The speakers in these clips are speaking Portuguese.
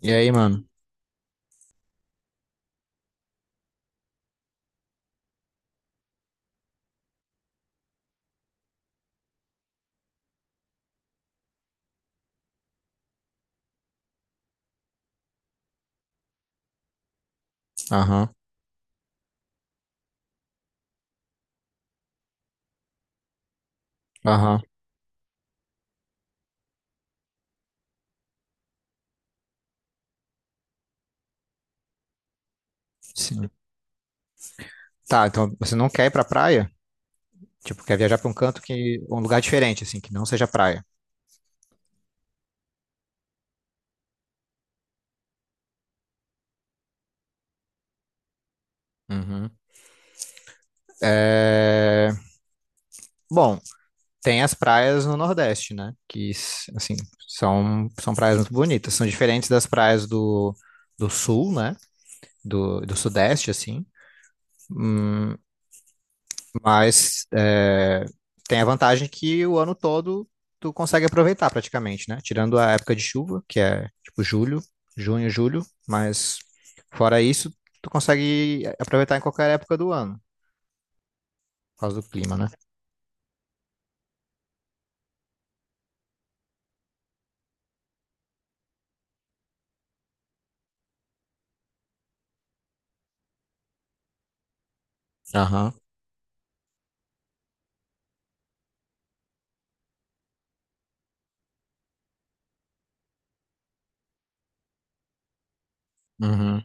E aí, mano? Aham, aham, sim. Tá, então você não quer ir pra praia? Tipo, quer viajar pra um canto um lugar diferente, assim, que não seja praia. Uhum. É... Bom, tem as praias no Nordeste, né? Assim, são praias muito bonitas. São diferentes das praias do Sul, né? Do Sudeste, assim. Hum, Mas é, tem a vantagem que o ano todo tu consegue aproveitar praticamente, né? Tirando a época de chuva, que é tipo julho, junho, julho, mas fora isso, tu consegue aproveitar em qualquer época do ano, por causa do clima, né? Aham, uhum,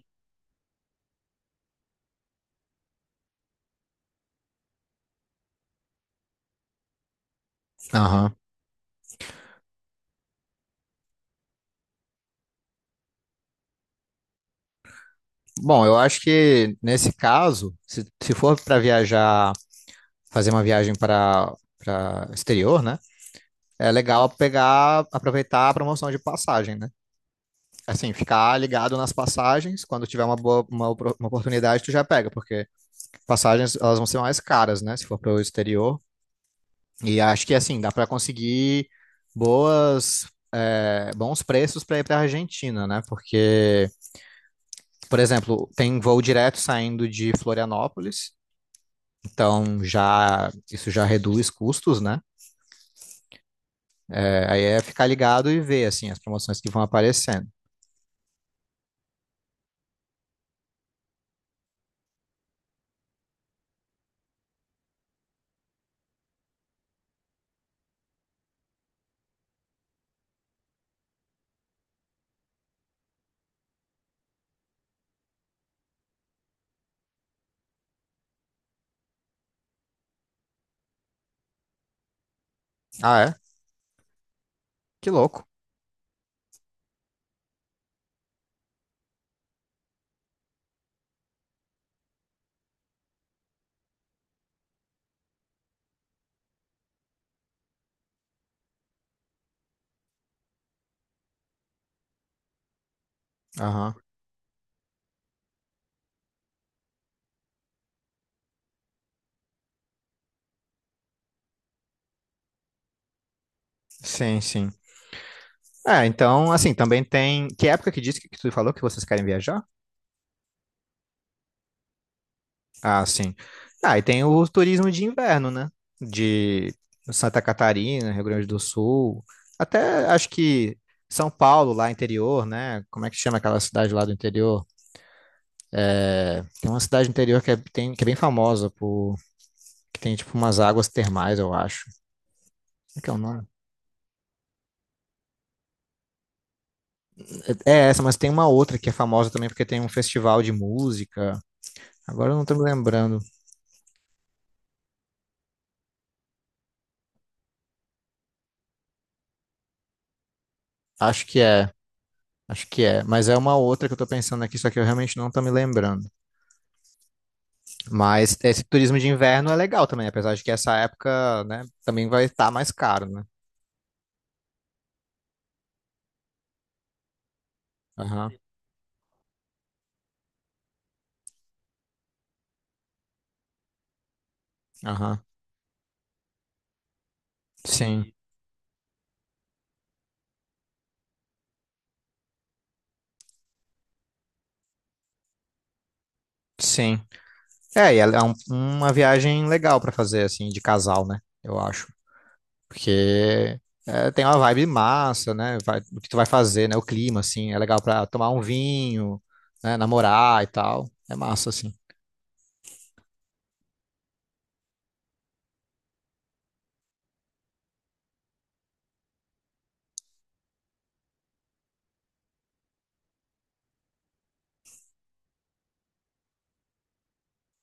aham. Bom, eu acho que nesse caso, se for para viajar, fazer uma viagem para exterior, né? É legal pegar, aproveitar a promoção de passagem, né? Assim, ficar ligado nas passagens, quando tiver uma uma oportunidade, tu já pega, porque passagens elas vão ser mais caras, né, se for para o exterior. E acho que assim, dá para conseguir boas é, bons preços para ir para a Argentina, né? Porque, por exemplo, tem voo direto saindo de Florianópolis, então já isso já reduz custos, né? É, aí é ficar ligado e ver, assim, as promoções que vão aparecendo. Ah, é? Que louco. Aham. Sim, sim. É, então, assim, também tem. Que época que disse que tu falou que vocês querem viajar? Ah, sim. Ah, e tem o turismo de inverno, né? De Santa Catarina, Rio Grande do Sul, até acho que São Paulo, lá interior, né? Como é que chama aquela cidade lá do interior? Tem uma cidade interior tem, que é bem famosa por que tem tipo umas águas termais, eu acho. Como é que é o nome? É é essa, mas tem uma outra que é famosa também porque tem um festival de música. Agora eu não tô me lembrando. Acho que é, acho que é, mas é uma outra que eu tô pensando aqui, só que eu realmente não tô me lembrando. Mas esse turismo de inverno é legal também, apesar de que essa época, né, também vai estar mais caro, né? Aham, aham. Sim, sim. É, e ela é uma viagem legal pra fazer, assim, de casal, né? Eu acho. Porque é, tem uma vibe massa, né? Vai, o que tu vai fazer, né? O clima, assim, é legal pra tomar um vinho, né? Namorar e tal. É massa, assim.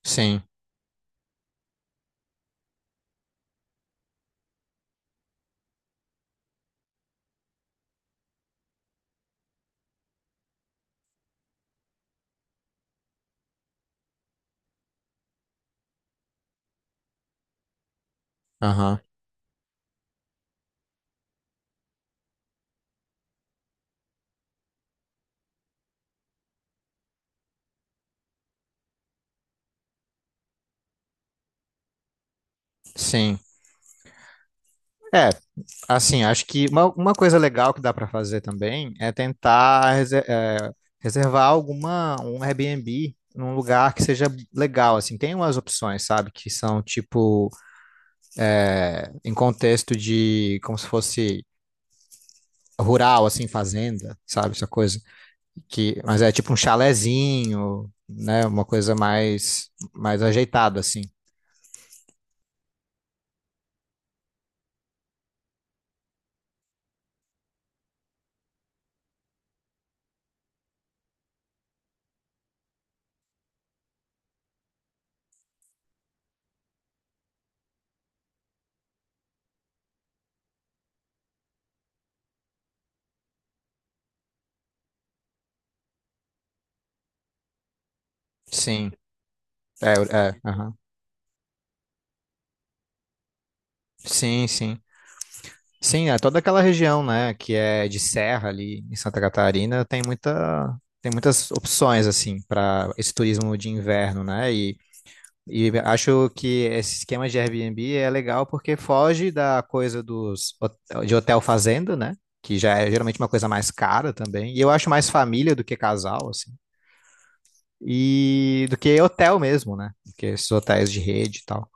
Sim, aham, sim. É, assim, acho que uma coisa legal que dá para fazer também é tentar reservar alguma, um Airbnb num lugar que seja legal, assim, tem umas opções, sabe, que são tipo em contexto de como se fosse rural, assim, fazenda, sabe, essa coisa que, mas é tipo um chalezinho, né, uma coisa mais mais ajeitada, assim. Sim, é, é, aham. Sim, sim. Sim, é toda aquela região, né, que é de serra ali em Santa Catarina, tem muita, tem muitas opções assim para esse turismo de inverno, né? E acho que esse esquema de Airbnb é legal porque foge da coisa de hotel fazenda, né? Que já é geralmente uma coisa mais cara também. E eu acho mais família do que casal, assim. E do que hotel mesmo, né? Do que esses hotéis de rede e tal.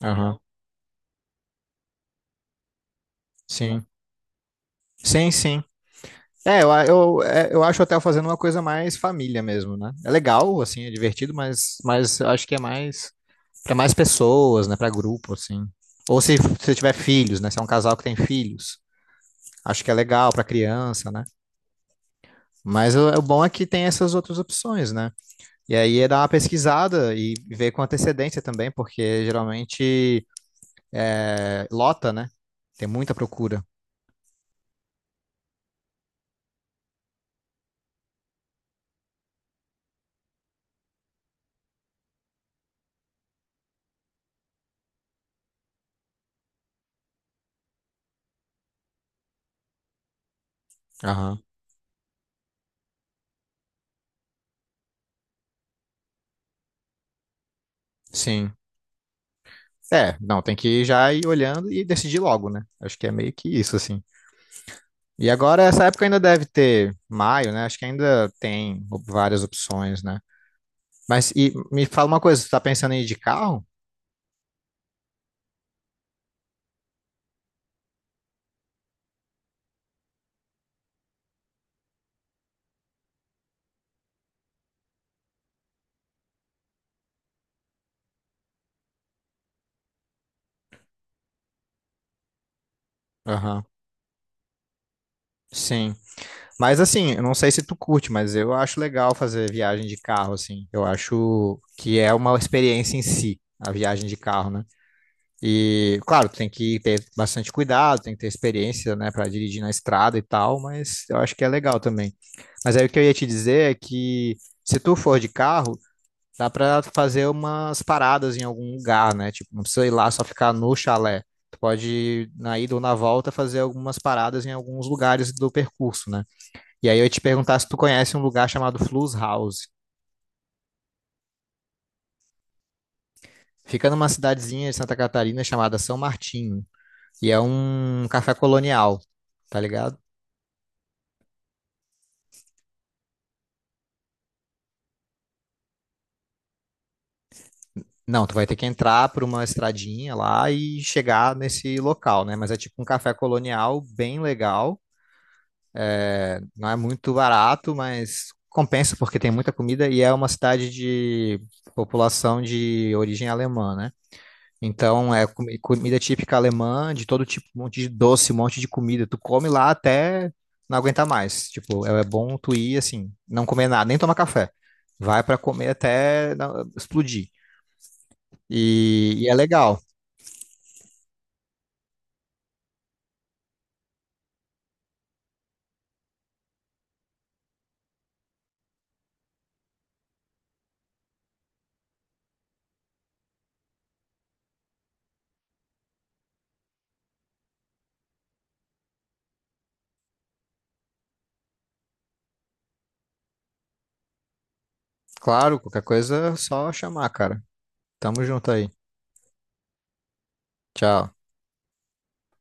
Aham. Sim, sim, sim. É, eu, a- eu, é, eu acho o hotel fazendo uma coisa mais família mesmo, né? É legal, assim, é divertido, mas eu acho que é mais para mais pessoas, né? Para grupo, assim. Ou se você tiver filhos, né? Se é um casal que tem filhos, acho que é legal para criança, né? Mas o bom é que tem essas outras opções, né? E aí é dar uma pesquisada e ver com antecedência também, porque geralmente é, lota, né? Tem muita procura. Aham. Sim. É, não, tem que ir já ir olhando e decidir logo, né? Acho que é meio que isso, assim. E agora, essa época ainda deve ter maio, né? Acho que ainda tem várias opções, né? Mas e, me fala uma coisa, tu tá pensando em ir de carro? Aham, sim. Mas assim, eu não sei se tu curte, mas eu acho legal fazer viagem de carro, assim. Eu acho que é uma experiência em si, a viagem de carro, né? E, claro, tem que ter bastante cuidado, tem que ter experiência, né, para dirigir na estrada e tal, mas eu acho que é legal também. Mas aí o que eu ia te dizer é que se tu for de carro, dá para fazer umas paradas em algum lugar, né? Tipo, não precisa ir lá só ficar no chalé. Tu pode, na ida ou na volta, fazer algumas paradas em alguns lugares do percurso, né? E aí eu ia te perguntar se tu conhece um lugar chamado Flus House. Fica numa cidadezinha de Santa Catarina chamada São Martinho, e é um café colonial, tá ligado? Não, tu vai ter que entrar por uma estradinha lá e chegar nesse local, né? Mas é tipo um café colonial bem legal. Não é muito barato, mas compensa porque tem muita comida e é uma cidade de população de origem alemã, né? Então é comida típica alemã, de todo tipo, um monte de doce, um monte de comida. Tu come lá até não aguentar mais. Tipo, é é bom tu ir assim, não comer nada, nem tomar café. Vai pra comer até explodir. E é legal. Claro, qualquer coisa é só chamar, cara. Tamo junto aí. Tchau.